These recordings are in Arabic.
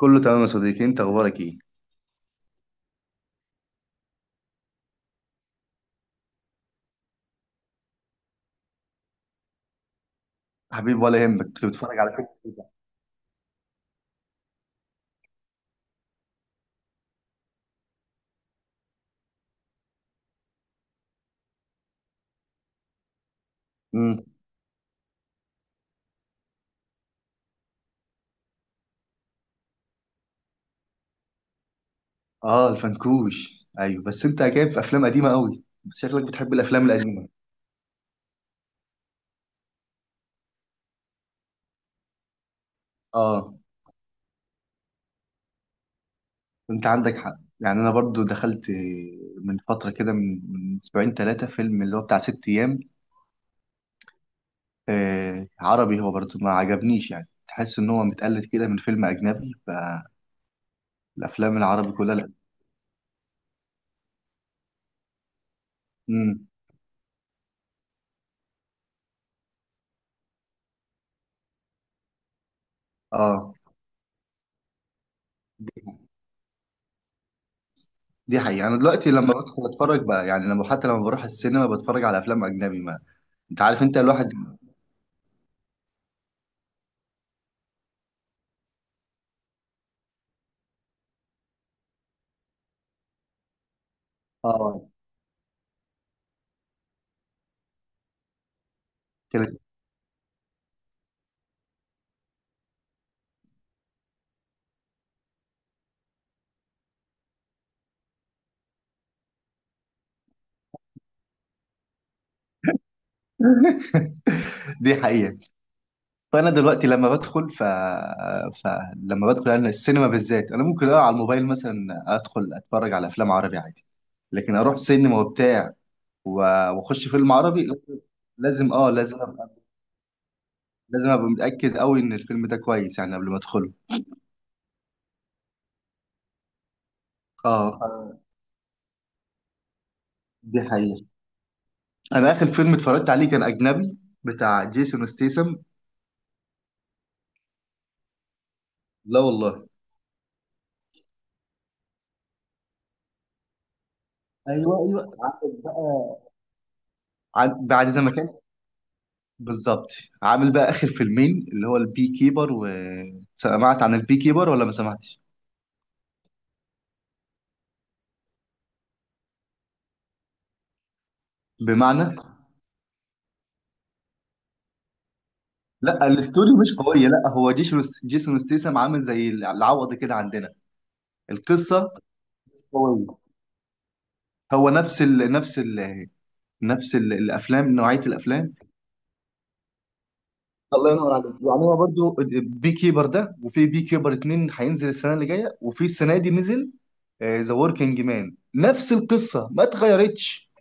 كله تمام يا صديقي، انت اخبارك ايه؟ حبيبي ولا يهمك، كنت بتتفرج على فيلم. امم اه الفنكوش، ايوه. بس انت جايب في افلام قديمه قوي، بس شكلك بتحب الافلام القديمه. اه، انت عندك حق. يعني انا برضو دخلت من فتره كده، من اسبوعين ثلاثه، فيلم اللي هو بتاع ست ايام. عربي، هو برضو ما عجبنيش. يعني تحس ان هو متقلد كده من فيلم اجنبي. فالافلام العربي كلها لا. امم. اه، دي حقيقة. أنا دلوقتي لما بدخل أتفرج بقى، يعني لما حتى لما بروح السينما بتفرج على أفلام أجنبي. ما انت عارف انت الواحد. اه. كده. دي حقيقة. فأنا دلوقتي لما بدخل ف... فلما بدخل أنا السينما بالذات، أنا ممكن أقع على الموبايل مثلا، أدخل أتفرج على أفلام عربي عادي. لكن أروح سينما وبتاع و... وأخش فيلم عربي، لازم لازم أبقى متأكد أوي إن الفيلم ده كويس يعني قبل ما أدخله. أه ف- دي حقيقة. أنا آخر فيلم اتفرجت عليه كان أجنبي، بتاع جيسون ستيسم. لا والله. ايوه ايوه، عندك بقى. بعد زي ما كان بالظبط. عامل بقى اخر فيلمين، اللي هو البي كيبر و سمعت عن البي كيبر ولا ما سمعتش؟ بمعنى، لا الاستوري مش قويه. لا، هو جيسون ستيسم عامل زي العوض كده عندنا. القصه مش قويه. هو الافلام، نوعيه الافلام. الله ينور عليك. يعني هو برضو بي كيبر ده، وفي بي كيبر اتنين هينزل السنه اللي جايه، وفي السنه دي نزل ذا وركينج مان، نفس القصه ما اتغيرتش.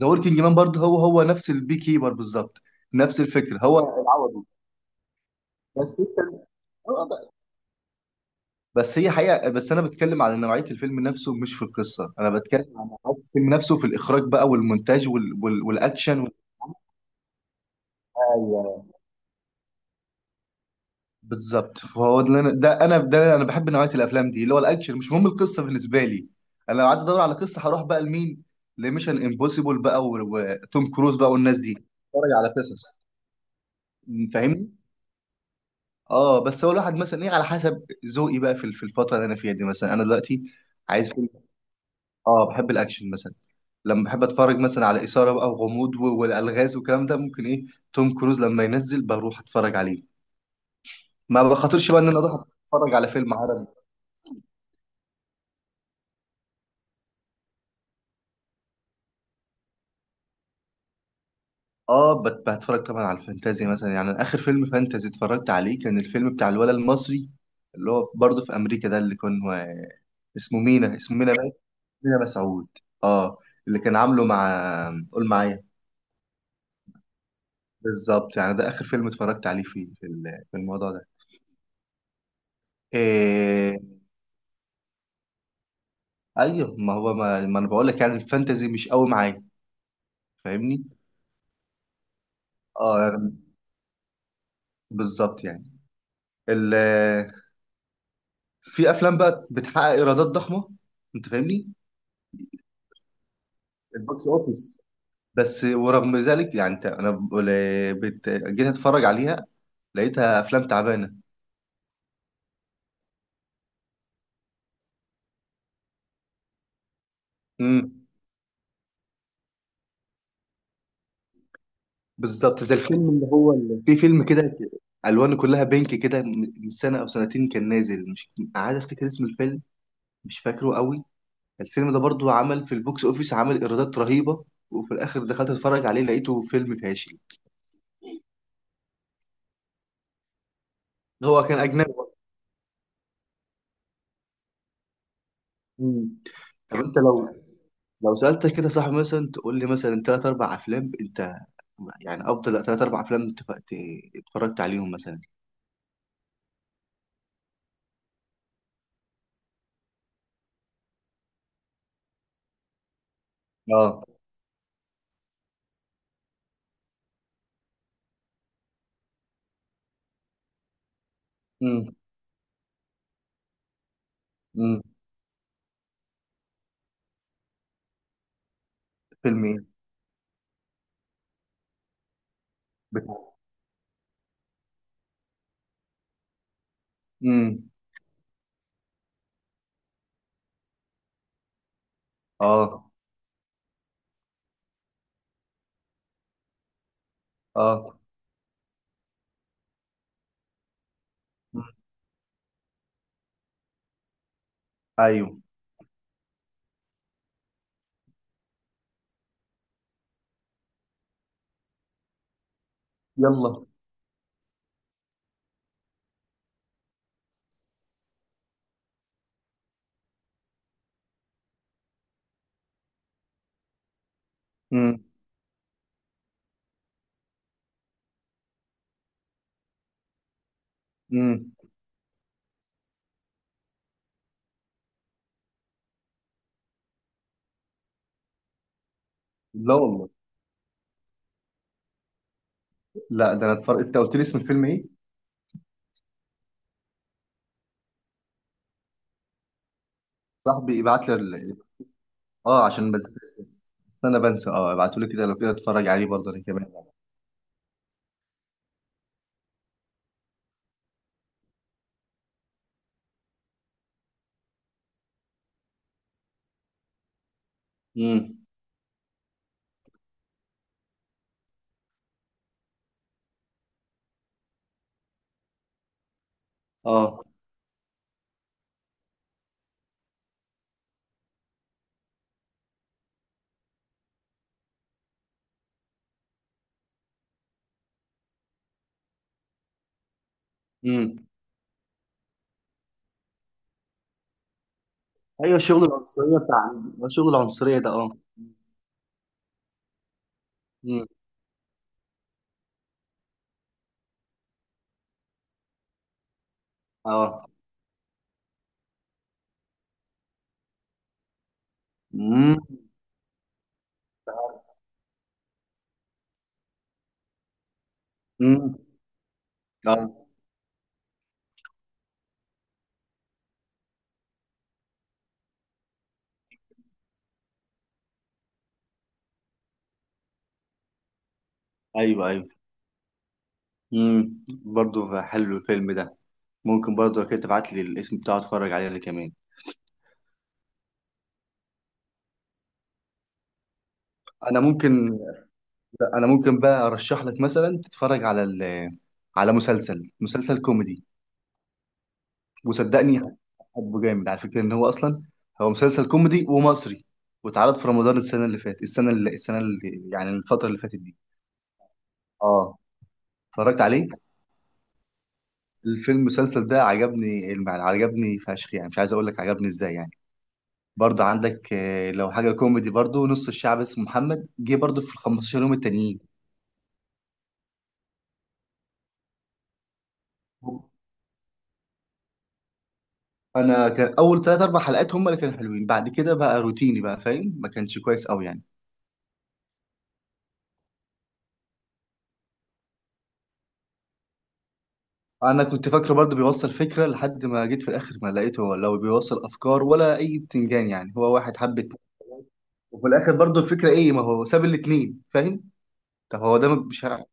ذا وركينج مان برضه هو نفس البي كيبر بالظبط. نفس الفكره، هو العوضي. بس انت آه بقى. بس هي حقيقه. بس انا بتكلم على نوعيه الفيلم نفسه، مش في القصه. انا بتكلم عن نوعيه الفيلم نفسه في الاخراج بقى والمونتاج والاكشن ايوه بالظبط. فهو ده اللي انا ده انا ده انا بحب نوعيه الافلام دي، اللي هو الاكشن. مش مهم القصه بالنسبه لي. انا لو عايز ادور على قصه هروح بقى لمين؟ لميشن امبوسيبل بقى وتوم كروز بقى والناس دي، اتفرج على قصص. فاهمني. اه بس هو الواحد مثلا ايه، على حسب ذوقي بقى في في الفتره اللي انا فيها دي، مثلا انا دلوقتي عايز فيلم. اه بحب الاكشن مثلا. لما بحب اتفرج مثلا على اثاره بقى وغموض والالغاز والكلام ده، ممكن ايه، توم كروز لما ينزل بروح اتفرج عليه. ما بخاطرش بقى ان انا اروح اتفرج على فيلم عربي. اه بتفرج طبعا على الفانتازي مثلا. يعني أنا اخر فيلم فانتازي اتفرجت عليه كان الفيلم بتاع الولد المصري اللي هو برضه في امريكا ده، اللي كان هو اسمه مينا، اسمه مينا بقى. مينا مسعود. اه، اللي كان عامله مع، قول معايا. بالظبط، يعني ده اخر فيلم اتفرجت عليه فيه في الموضوع ده. إيه؟ ايوه، ما هو ما, ما انا بقول لك، يعني الفانتازي مش قوي معايا. فاهمني. اه بالظبط يعني، ال في افلام بقى بتحقق ايرادات ضخمه، انت فاهمني؟ البوكس اوفيس. بس ورغم ذلك يعني، انت انا بقول- بت- جيت اتفرج عليها لقيتها افلام تعبانه. امم. بالظبط زي الفيلم اللي هو، اللي في فيلم كده الوانه كلها بينك كده، من سنه او سنتين كان نازل، مش عايز افتكر اسم الفيلم، مش فاكره قوي. الفيلم ده برضو عمل في البوكس اوفيس، عمل ايرادات رهيبه، وفي الاخر دخلت اتفرج عليه لقيته فيلم فاشل. هو كان اجنبي. مم. طب انت لو، لو سالتك كده صاحبي، مثلا تقول لي مثلا ثلاث اربع افلام انت، يعني افضل ثلاث اربع افلام انت اتفرجت عليهم مثلا. اه. امم. امم. فيلم ايه؟ بتاع. امم. اه. اه. مم. ايوه. يلا. امم. امم. لا والله. لا ده انا اتفرج، انت قلت لي اسم الفيلم ايه؟ صاحبي ابعت لي. اه عشان بس، بس انا بنسى، اه ابعتولي كده، لو كده اتفرج عليه برضه انا كمان. امم. اه. امم. ايوه، الشغل العنصريه بتاع، الشغل العنصريه ده اه. امم. اه. امم. امم. اه. ايوه ايوه. امم، برضه حلو الفيلم ده. ممكن برضه كده تبعت لي الاسم بتاعه اتفرج عليه انا كمان. انا ممكن، لا، انا ممكن بقى ارشح لك مثلا تتفرج على على مسلسل كوميدي. وصدقني حبه جامد على فكره، ان هو اصلا هو مسلسل كوميدي ومصري، واتعرض في رمضان السنه اللي فاتت السنه اللي السنه اللي يعني الفتره اللي فاتت دي. اه اتفرجت عليه. الفيلم المسلسل ده عجبني عجبني فشخ يعني، مش عايز اقول لك عجبني ازاي يعني. برضه عندك لو حاجه كوميدي برضه، نص الشعب اسمه محمد جه برضه في ال 15 يوم التانيين. انا كان اول ثلاث اربع حلقات هم اللي كانوا حلوين، بعد كده بقى روتيني بقى، فاهم؟ ما كانش كويس قوي يعني. انا كنت فاكره برضه بيوصل فكره، لحد ما جيت في الاخر ما لقيته، هو لو بيوصل افكار ولا اي بتنجان. يعني هو واحد حب اتنين، وفي الاخر برضه الفكره ايه؟ ما هو ساب الاتنين، فاهم؟ طب هو ده مش ه...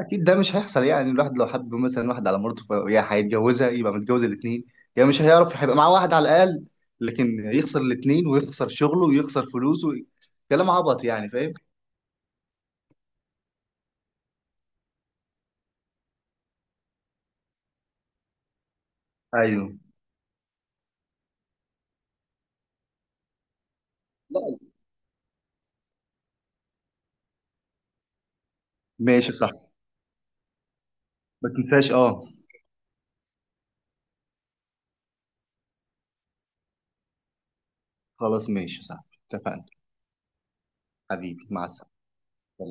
اكيد ده مش هيحصل. يعني الواحد لو حب مثلا واحد على مرته ف... يا هيتجوزها يبقى متجوز الاتنين، يا مش هيعرف، هيبقى معاه واحد على الاقل. لكن يخسر الاتنين ويخسر شغله ويخسر فلوسه، كلام عبط يعني، فاهم؟ ايوه. لا. ماشي صح. ما تنساش اه. خلاص ماشي صح، اتفقنا. حبيبي مع السلامه.